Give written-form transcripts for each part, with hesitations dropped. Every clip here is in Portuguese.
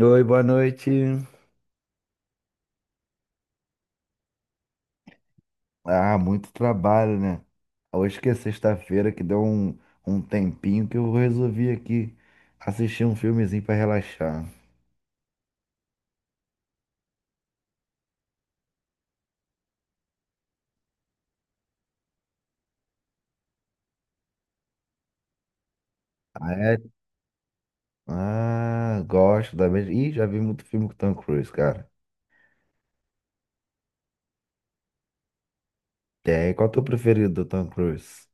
Oi, boa noite. Ah, muito trabalho, né? Hoje que é sexta-feira, que deu um tempinho que eu resolvi aqui assistir um filmezinho pra relaxar. Ah, é? Ah, gosto da mesma. Ih, já vi muito filme com o Tom Cruise, cara. Tem. Qual é o teu preferido do Tom Cruise?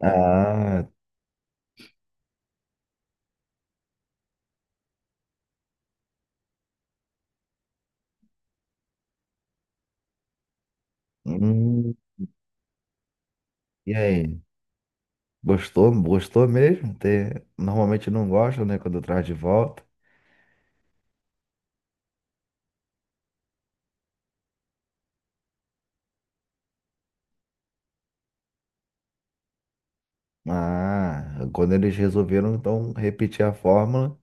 Ah, hum, e aí? Gostou? Gostou mesmo? Normalmente não gosto, né? Quando traz de volta. Ah, quando eles resolveram então repetir a fórmula,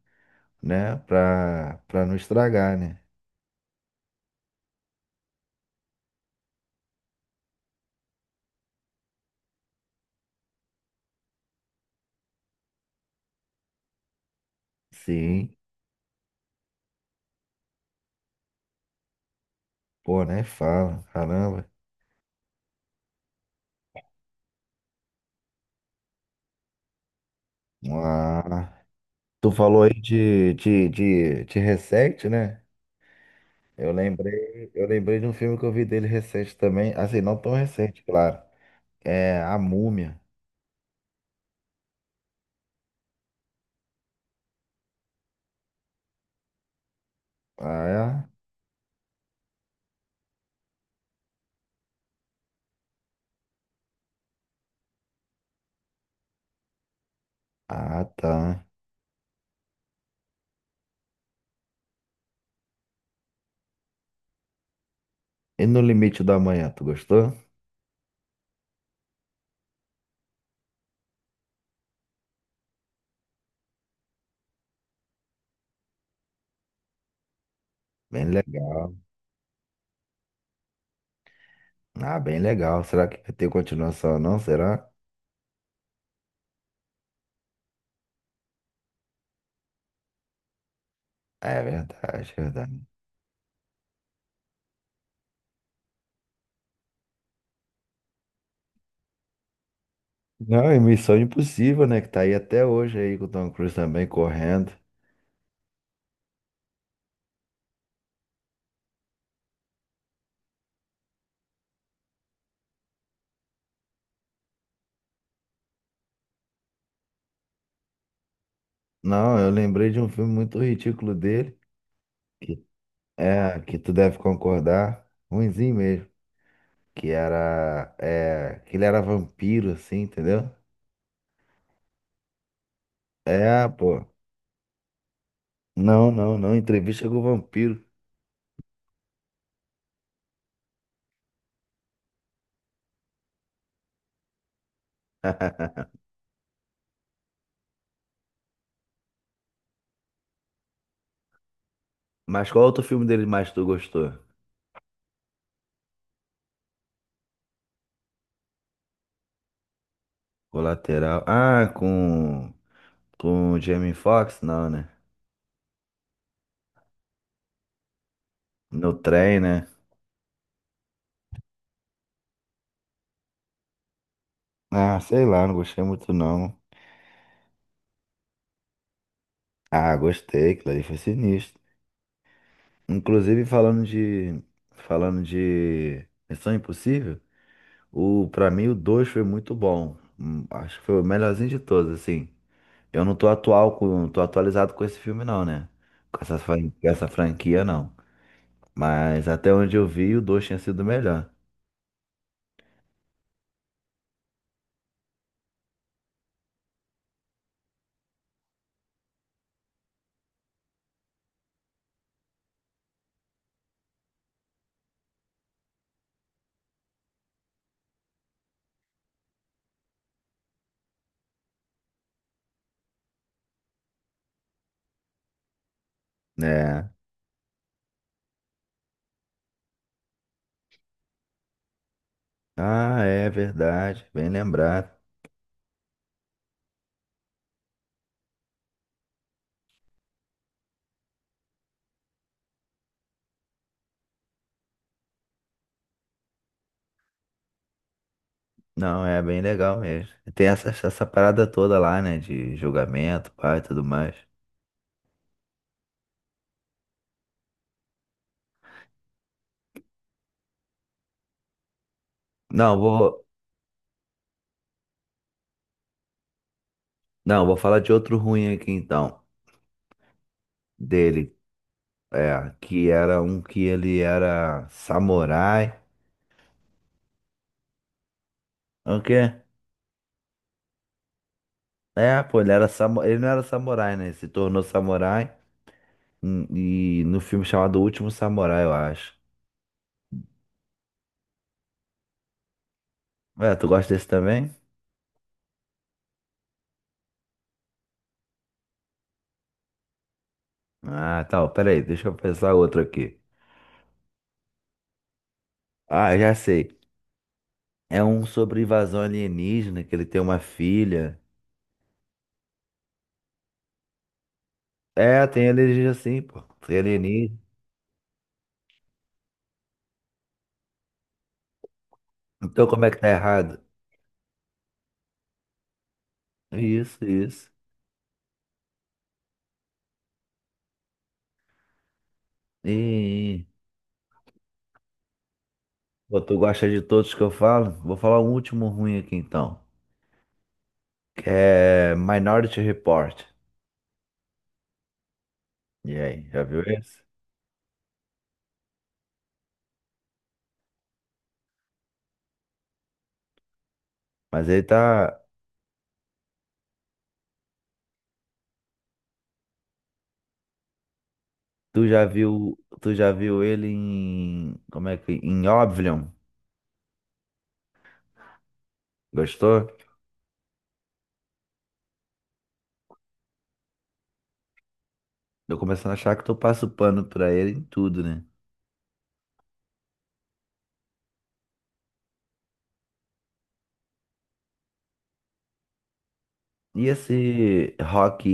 né? Pra não estragar, né? Sim, pô, né? Fala, caramba. Ah, tu falou aí de recente, né? Eu lembrei de um filme que eu vi dele recente também. Assim, não tão recente, claro. É A Múmia. Ah, é? Ah, tá. E No Limite da Manhã, tu gostou? Bem legal. Ah, bem legal. Será que vai ter continuação, não? Será? É verdade, é verdade. Não, e Missão Impossível, né? Que tá aí até hoje aí com o Tom Cruise também correndo. Não, eu lembrei de um filme muito ridículo dele, que é, que tu deve concordar, ruinzinho mesmo, que era, é, que ele era vampiro, assim, entendeu? É, pô. Não, não, não, entrevista com o vampiro. Mas qual outro filme dele mais tu gostou? Colateral. Ah, com o Jamie Foxx? Não, né? No trem, né? Ah, sei lá, não gostei muito não. Ah, gostei, aquilo ali foi sinistro. Inclusive, falando de. Falando de Missão Impossível, o, pra mim o 2 foi muito bom. Acho que foi o melhorzinho de todos, assim. Eu não tô atual com, não tô atualizado com esse filme, não, né? Com essa, com essa franquia, não. Mas até onde eu vi, o 2 tinha sido melhor. É. Ah, é verdade. Bem lembrado. Não, é bem legal mesmo. Tem essa, essa parada toda lá, né? De julgamento, pai e tudo mais. Não, vou. Não, vou falar de outro ruim aqui então, dele, é, que era um que ele era samurai. É o quê? É, pô, ele era samu... ele não era samurai, né? Ele se tornou samurai, e no filme chamado O Último Samurai, eu acho. É, tu gosta desse também? Ah, tá, peraí, deixa eu pensar outro aqui. Ah, já sei. É um sobre invasão alienígena, que ele tem uma filha. É, tem alienígena sim, pô. Tem alienígena. Então como é que tá errado? Isso, isso. Ih. Pô, tu gosta de todos que eu falo? Vou falar um último ruim aqui então. Que é Minority Report. E aí, já viu esse? Mas ele tá. Tu já viu. Tu já viu ele em. Como é que. Em Oblivion? Gostou? Tô começando a achar que tu passa o pano pra ele em tudo, né? E esse Rock,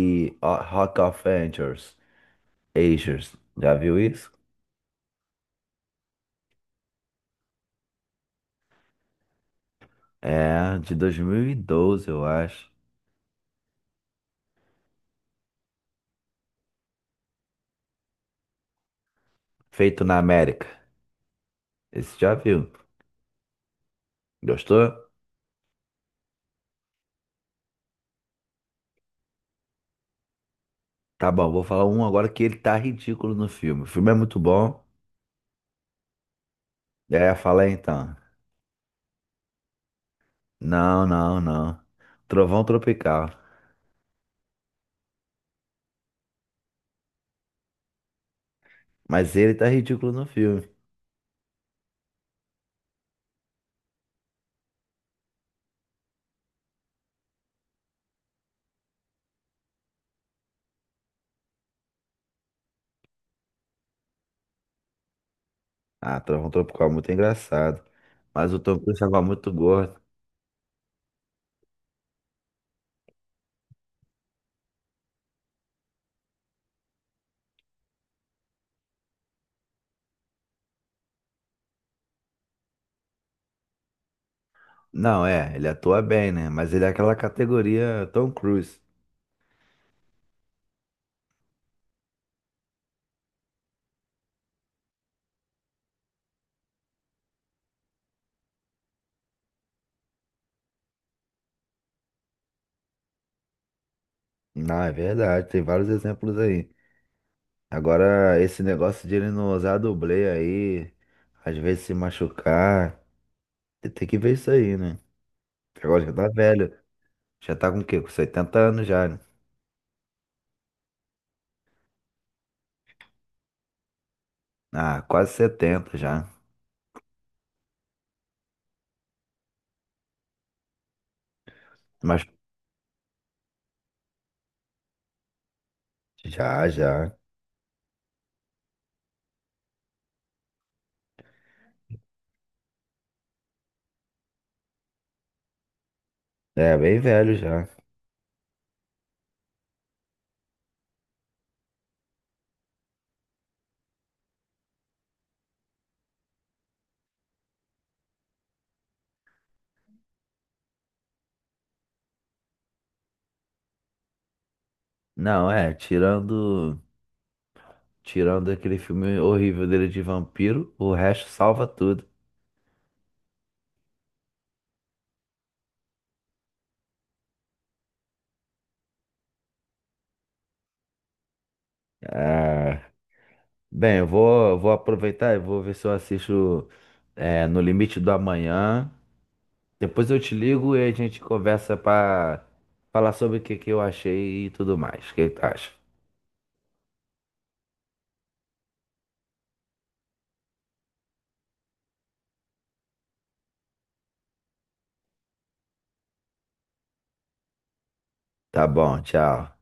Rock of Ages? Ages, já viu isso? É, de 2012, eu acho. Feito na América. Esse já viu? Gostou? Tá bom, vou falar um agora que ele tá ridículo no filme. O filme é muito bom. É, fala aí então. Não, não, não. Trovão Tropical. Mas ele tá ridículo no filme. Ah, Trovão Tropical é muito engraçado. Mas o Tom Cruise tava muito gordo. Não, é, ele atua bem, né? Mas ele é aquela categoria Tom Cruise. Não, é verdade, tem vários exemplos aí. Agora, esse negócio de ele não usar dublê aí, às vezes se machucar, tem que ver isso aí, né? Agora já tá velho. Já tá com o quê? Com 70 anos já, né? Ah, quase 70 já. Mas já. É, bem velho já. Não, é, tirando aquele filme horrível dele de vampiro, o resto salva tudo. Ah, bem, vou aproveitar e vou ver se eu assisto é, No Limite do Amanhã. Depois eu te ligo e a gente conversa pra falar sobre o que que eu achei e tudo mais. O que que tu acha? Tá bom, tchau.